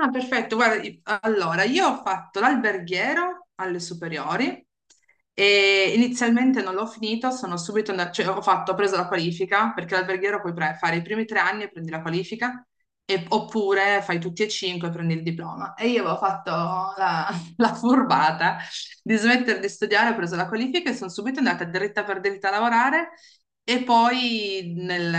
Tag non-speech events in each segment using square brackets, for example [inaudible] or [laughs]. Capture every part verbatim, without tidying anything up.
Ah, perfetto. Guarda, i- allora, io ho fatto l'alberghiero alle superiori e inizialmente non l'ho finito, sono subito andata, cioè ho fatto, ho preso la qualifica, perché l'alberghiero puoi pre- fare i primi tre anni e prendi la qualifica, e- oppure fai tutti e cinque e prendi il diploma. E io avevo fatto la, [laughs] la furbata di smettere di studiare, ho preso la qualifica e sono subito andata dritta per dritta a lavorare e poi nel-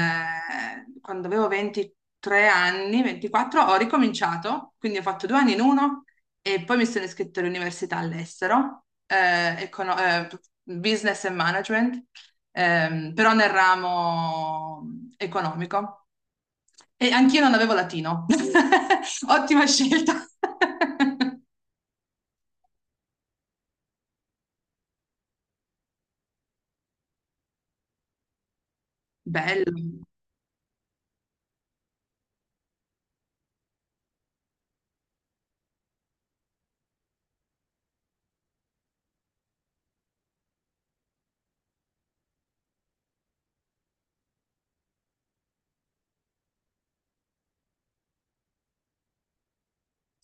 quando avevo ventitré anni, ventiquattro, ho ricominciato, quindi ho fatto due anni in uno e poi mi sono iscritta all'università all'estero, eh, econo- eh, business and management, ehm, però nel ramo economico. E anch'io non avevo latino. [laughs] Ottima scelta. [laughs] Bello.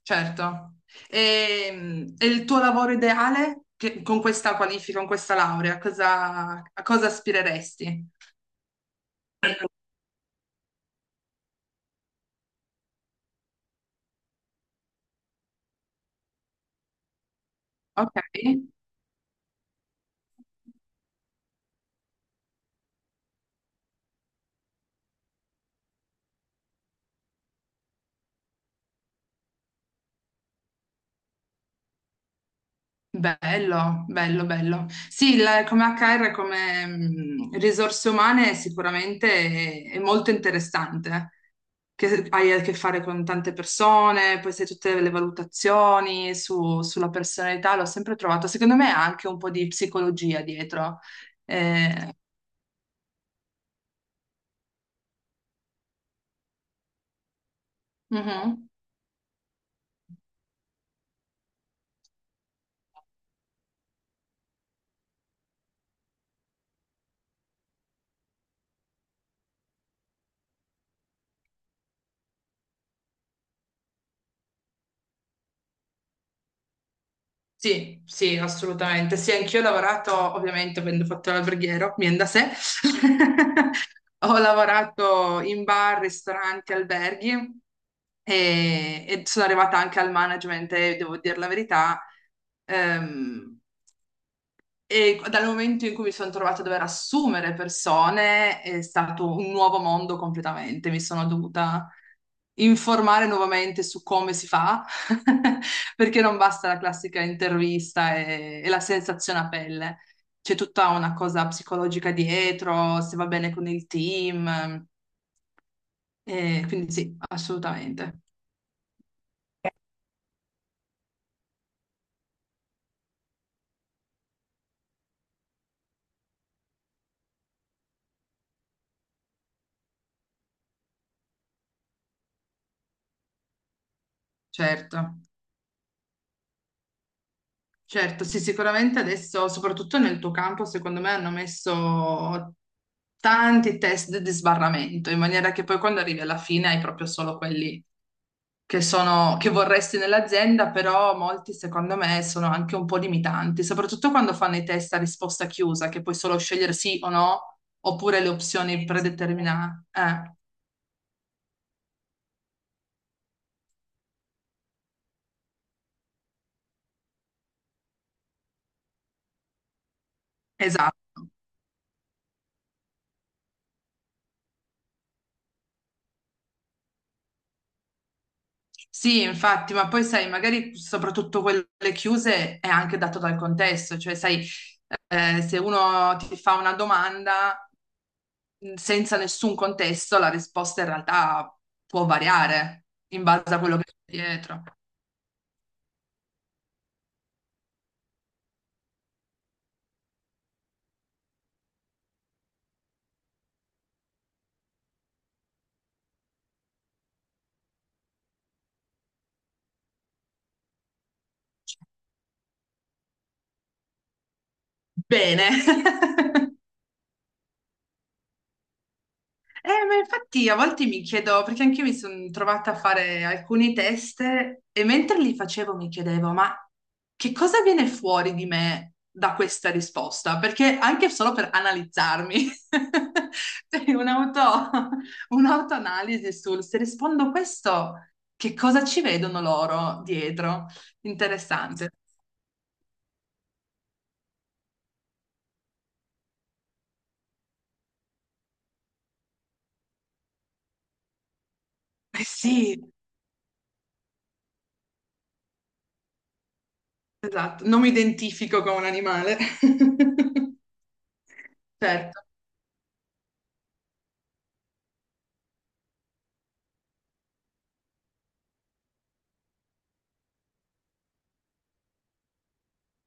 Certo. E, e il tuo lavoro ideale, Che- con questa qualifica, con questa laurea, cosa- a cosa aspireresti? Ok, bello, bello, bello. Sì, il- come H R, come mm, risorse umane sicuramente è, è molto interessante, che hai a che fare con tante persone, poi sai tutte le valutazioni su- sulla personalità, l'ho sempre trovato, secondo me ha anche un po' di psicologia dietro. Eh, mhm. Sì, sì, assolutamente. Sì, anch'io ho lavorato, ovviamente, avendo fatto l'alberghiero, viene da sé. [laughs] Ho lavorato in bar, ristoranti, alberghi e, e sono arrivata anche al management e devo dire la verità. ehm, e dal momento in cui mi sono trovata a dover assumere persone, è stato un nuovo mondo completamente. Mi sono dovuta informare nuovamente su come si fa, [laughs] perché non basta la classica intervista e, e la sensazione a pelle. C'è tutta una cosa psicologica dietro, se va bene con il team. Eh, quindi sì, assolutamente, certo. Certo, sì, sicuramente adesso, soprattutto nel tuo campo, secondo me hanno messo tanti test di sbarramento, in maniera che poi quando arrivi alla fine hai proprio solo quelli che sono, che vorresti nell'azienda, però molti secondo me sono anche un po' limitanti, soprattutto quando fanno i test a risposta chiusa, che puoi solo scegliere sì o no, oppure le opzioni predeterminate. Eh, esatto. Sì, infatti, ma poi sai, magari soprattutto quelle chiuse è anche dato dal contesto, cioè sai, eh, se uno ti fa una domanda mh, senza nessun contesto, la risposta in realtà può variare in base a quello che c'è dietro. Bene. [laughs] Eh, ma infatti a volte mi chiedo, perché anch'io mi sono trovata a fare alcuni test e mentre li facevo mi chiedevo, ma che cosa viene fuori di me da questa risposta? Perché anche solo per analizzarmi, [laughs] cioè, un'auto- un'autoanalisi sul se rispondo questo, che cosa ci vedono loro dietro? Interessante. Eh sì, esatto, non mi identifico con un animale. [laughs] Certo.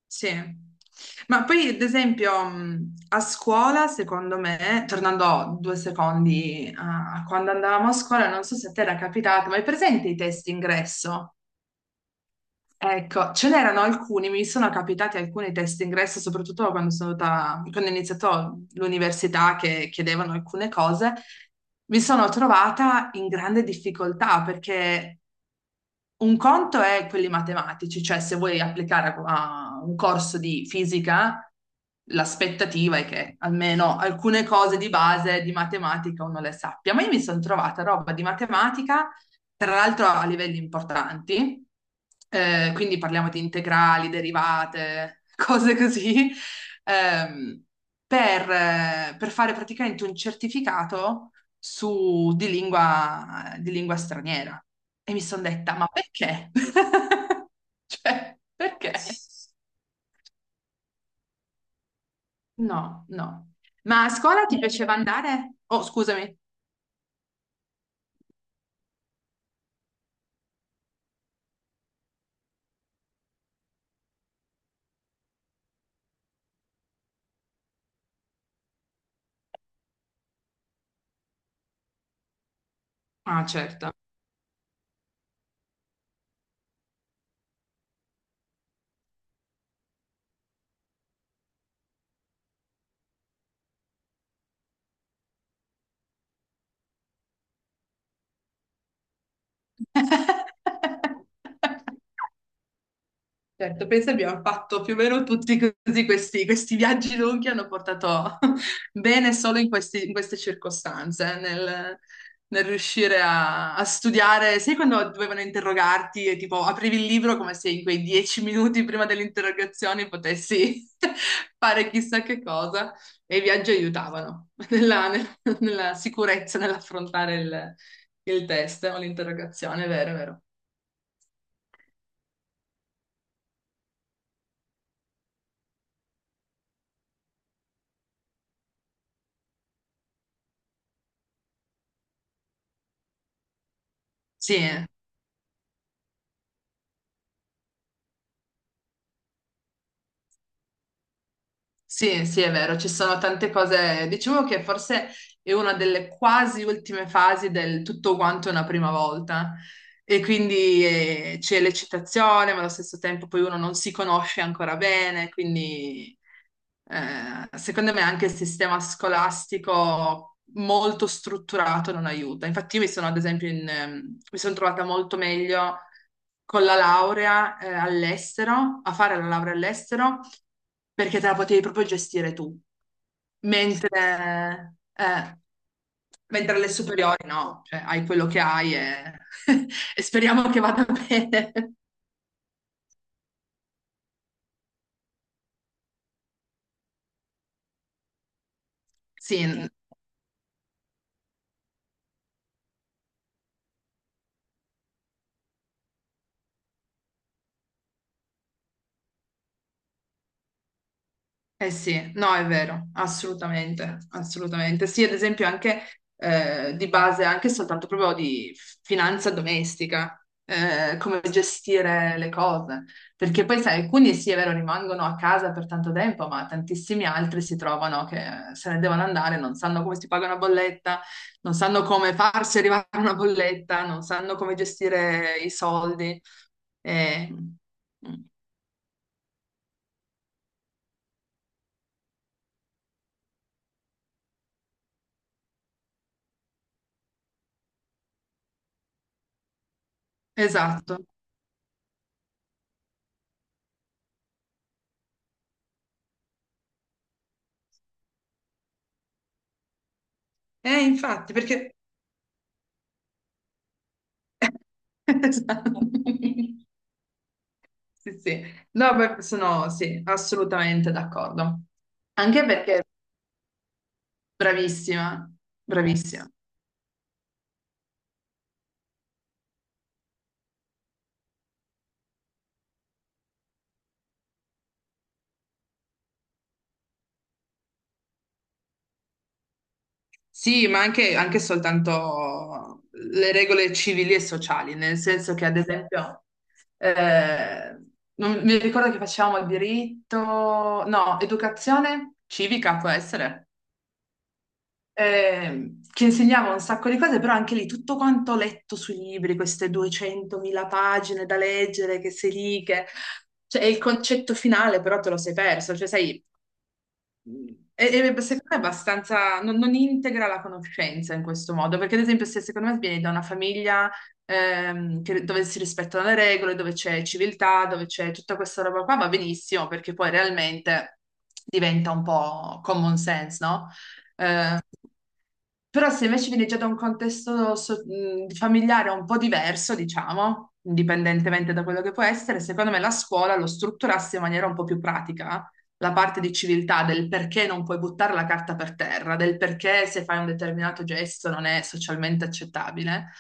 Sì, ma poi ad esempio mh, a scuola, secondo me, tornando due secondi a quando andavamo a scuola, non so se a te era capitato, ma hai presente i test ingresso? Ecco, ce n'erano alcuni, mi sono capitati alcuni test ingresso, soprattutto quando sono andata, quando ho iniziato l'università, che chiedevano alcune cose, mi sono trovata in grande difficoltà perché un conto è quelli matematici, cioè se vuoi applicare a, a un corso di fisica, l'aspettativa è che almeno alcune cose di base di matematica uno le sappia. Ma io mi sono trovata roba di matematica, tra l'altro a livelli importanti, eh, quindi parliamo di integrali, derivate, [laughs] cose così, ehm, per, eh, per fare praticamente un certificato su, di lingua, di lingua straniera. E mi sono detta, ma perché? [laughs] Cioè, perché? No, no. Ma a scuola ti piaceva andare? Oh, scusami. Ah, certo. [laughs] Certo, penso abbiamo fatto più o meno tutti così, questi, questi viaggi lunghi hanno portato [laughs] bene solo in questi- in queste circostanze, nel, nel riuscire a, a studiare. Sai, quando dovevano interrogarti e tipo aprivi il libro come se in quei dieci minuti prima delle interrogazioni potessi [laughs] fare chissà che cosa e i viaggi aiutavano [laughs] nella, nel- nella sicurezza nell'affrontare il, il test o l'interrogazione, è vero, è vero. Sì, eh. Sì, sì, è vero, ci sono tante cose. Diciamo che forse è una delle quasi ultime fasi del tutto quanto è una prima volta. E quindi eh, c'è l'eccitazione, ma allo stesso tempo poi uno non si conosce ancora bene, quindi eh, secondo me anche il sistema scolastico molto strutturato non aiuta. Infatti, io mi sono, ad esempio, in, ehm, mi sono trovata molto meglio con la laurea, eh, all'estero, a fare la laurea all'estero, perché te la potevi proprio gestire tu. Mentre, eh, mentre alle superiori no, cioè hai quello che hai e, [laughs] e speriamo che vada bene. Sì, eh sì, no, è vero, assolutamente, assolutamente. Sì, ad esempio anche eh, di base, anche soltanto proprio di finanza domestica, eh, come gestire le cose. Perché poi, sai, alcuni sì, è vero, rimangono a casa per tanto tempo, ma tantissimi altri si trovano che se ne devono andare, non sanno come si paga una bolletta, non sanno come farsi arrivare una bolletta, non sanno come gestire i soldi. Eh, mm, esatto. Eh, infatti, perché... Esatto. [laughs] Sì, sì. No, beh, sono sì, assolutamente d'accordo. Anche perché bravissima, bravissima. Sì, ma anche, anche soltanto le regole civili e sociali, nel senso che, ad esempio, eh, non- mi ricordo che facevamo diritto, no, educazione civica può essere. Eh, che insegnava un sacco di cose, però anche lì tutto quanto ho letto sui libri, queste duecentomila pagine da leggere, che sei lì, che... Cioè, il concetto finale però te lo sei perso, cioè sai, e- e secondo me è abbastanza, non, non integra la conoscenza in questo modo, perché ad esempio se secondo me vieni da una famiglia, ehm, che- dove si rispettano le regole, dove c'è civiltà, dove c'è tutta questa roba qua, va benissimo, perché poi realmente diventa un po' common sense, no? Ehm, Però se invece viene già da un contesto so- mh, familiare un po' diverso, diciamo, indipendentemente da quello che può essere, secondo me la scuola lo strutturasse in maniera un po' più pratica, la parte di civiltà, del perché non puoi buttare la carta per terra, del perché se fai un determinato gesto non è socialmente accettabile,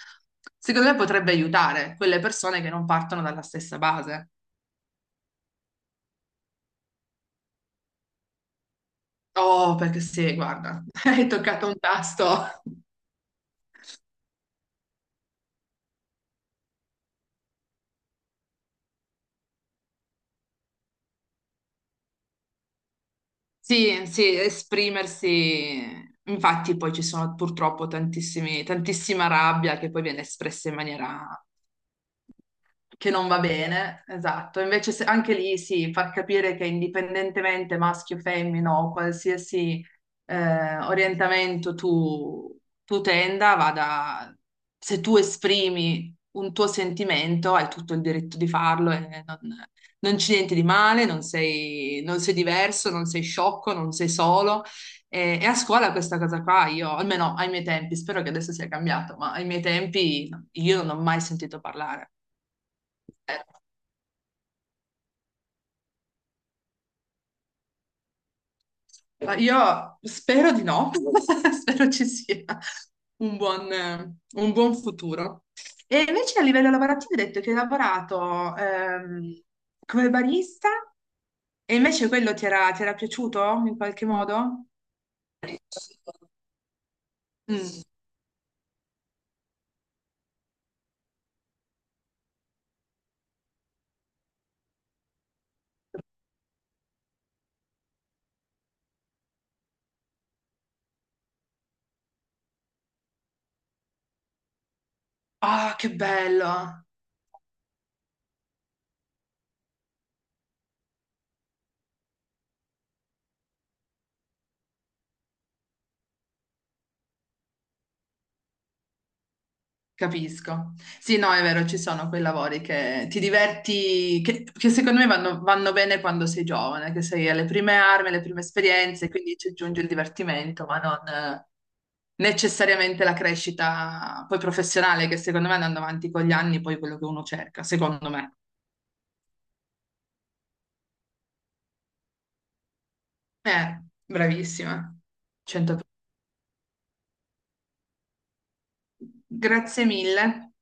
secondo me potrebbe aiutare quelle persone che non partono dalla stessa base. Oh, perché sì, guarda, [laughs] hai toccato un tasto. Sì, sì, esprimersi. Infatti poi ci sono purtroppo tantissimi, tantissima rabbia che poi viene espressa in maniera che non va bene, esatto. Invece se- anche lì sì, far capire che indipendentemente maschio, femmina o qualsiasi eh, orientamento tu, tu tenda, vada, se tu esprimi un tuo sentimento, hai tutto il diritto di farlo e non, non c'è niente di male, non sei, non sei diverso, non sei sciocco, non sei solo. E, e a scuola questa cosa qua, io, almeno ai miei tempi, spero che adesso sia cambiato, ma ai miei tempi io non ho mai sentito parlare. Eh, Ma io spero di no, [laughs] spero ci sia un buon, eh, un buon futuro. E invece a livello lavorativo hai detto che hai lavorato ehm, come barista, e invece quello ti era, ti era piaciuto in qualche modo? Mm. Ah, che bello! Capisco. Sì, no, è vero, ci sono quei lavori che ti diverti, che, che secondo me vanno, vanno bene quando sei giovane, che sei alle prime armi, alle prime esperienze, quindi ci aggiunge il divertimento, ma non eh, necessariamente la crescita poi professionale, che secondo me andando avanti con gli anni, poi è quello che uno cerca, secondo me. Eh, bravissima. cento per cento. Grazie mille.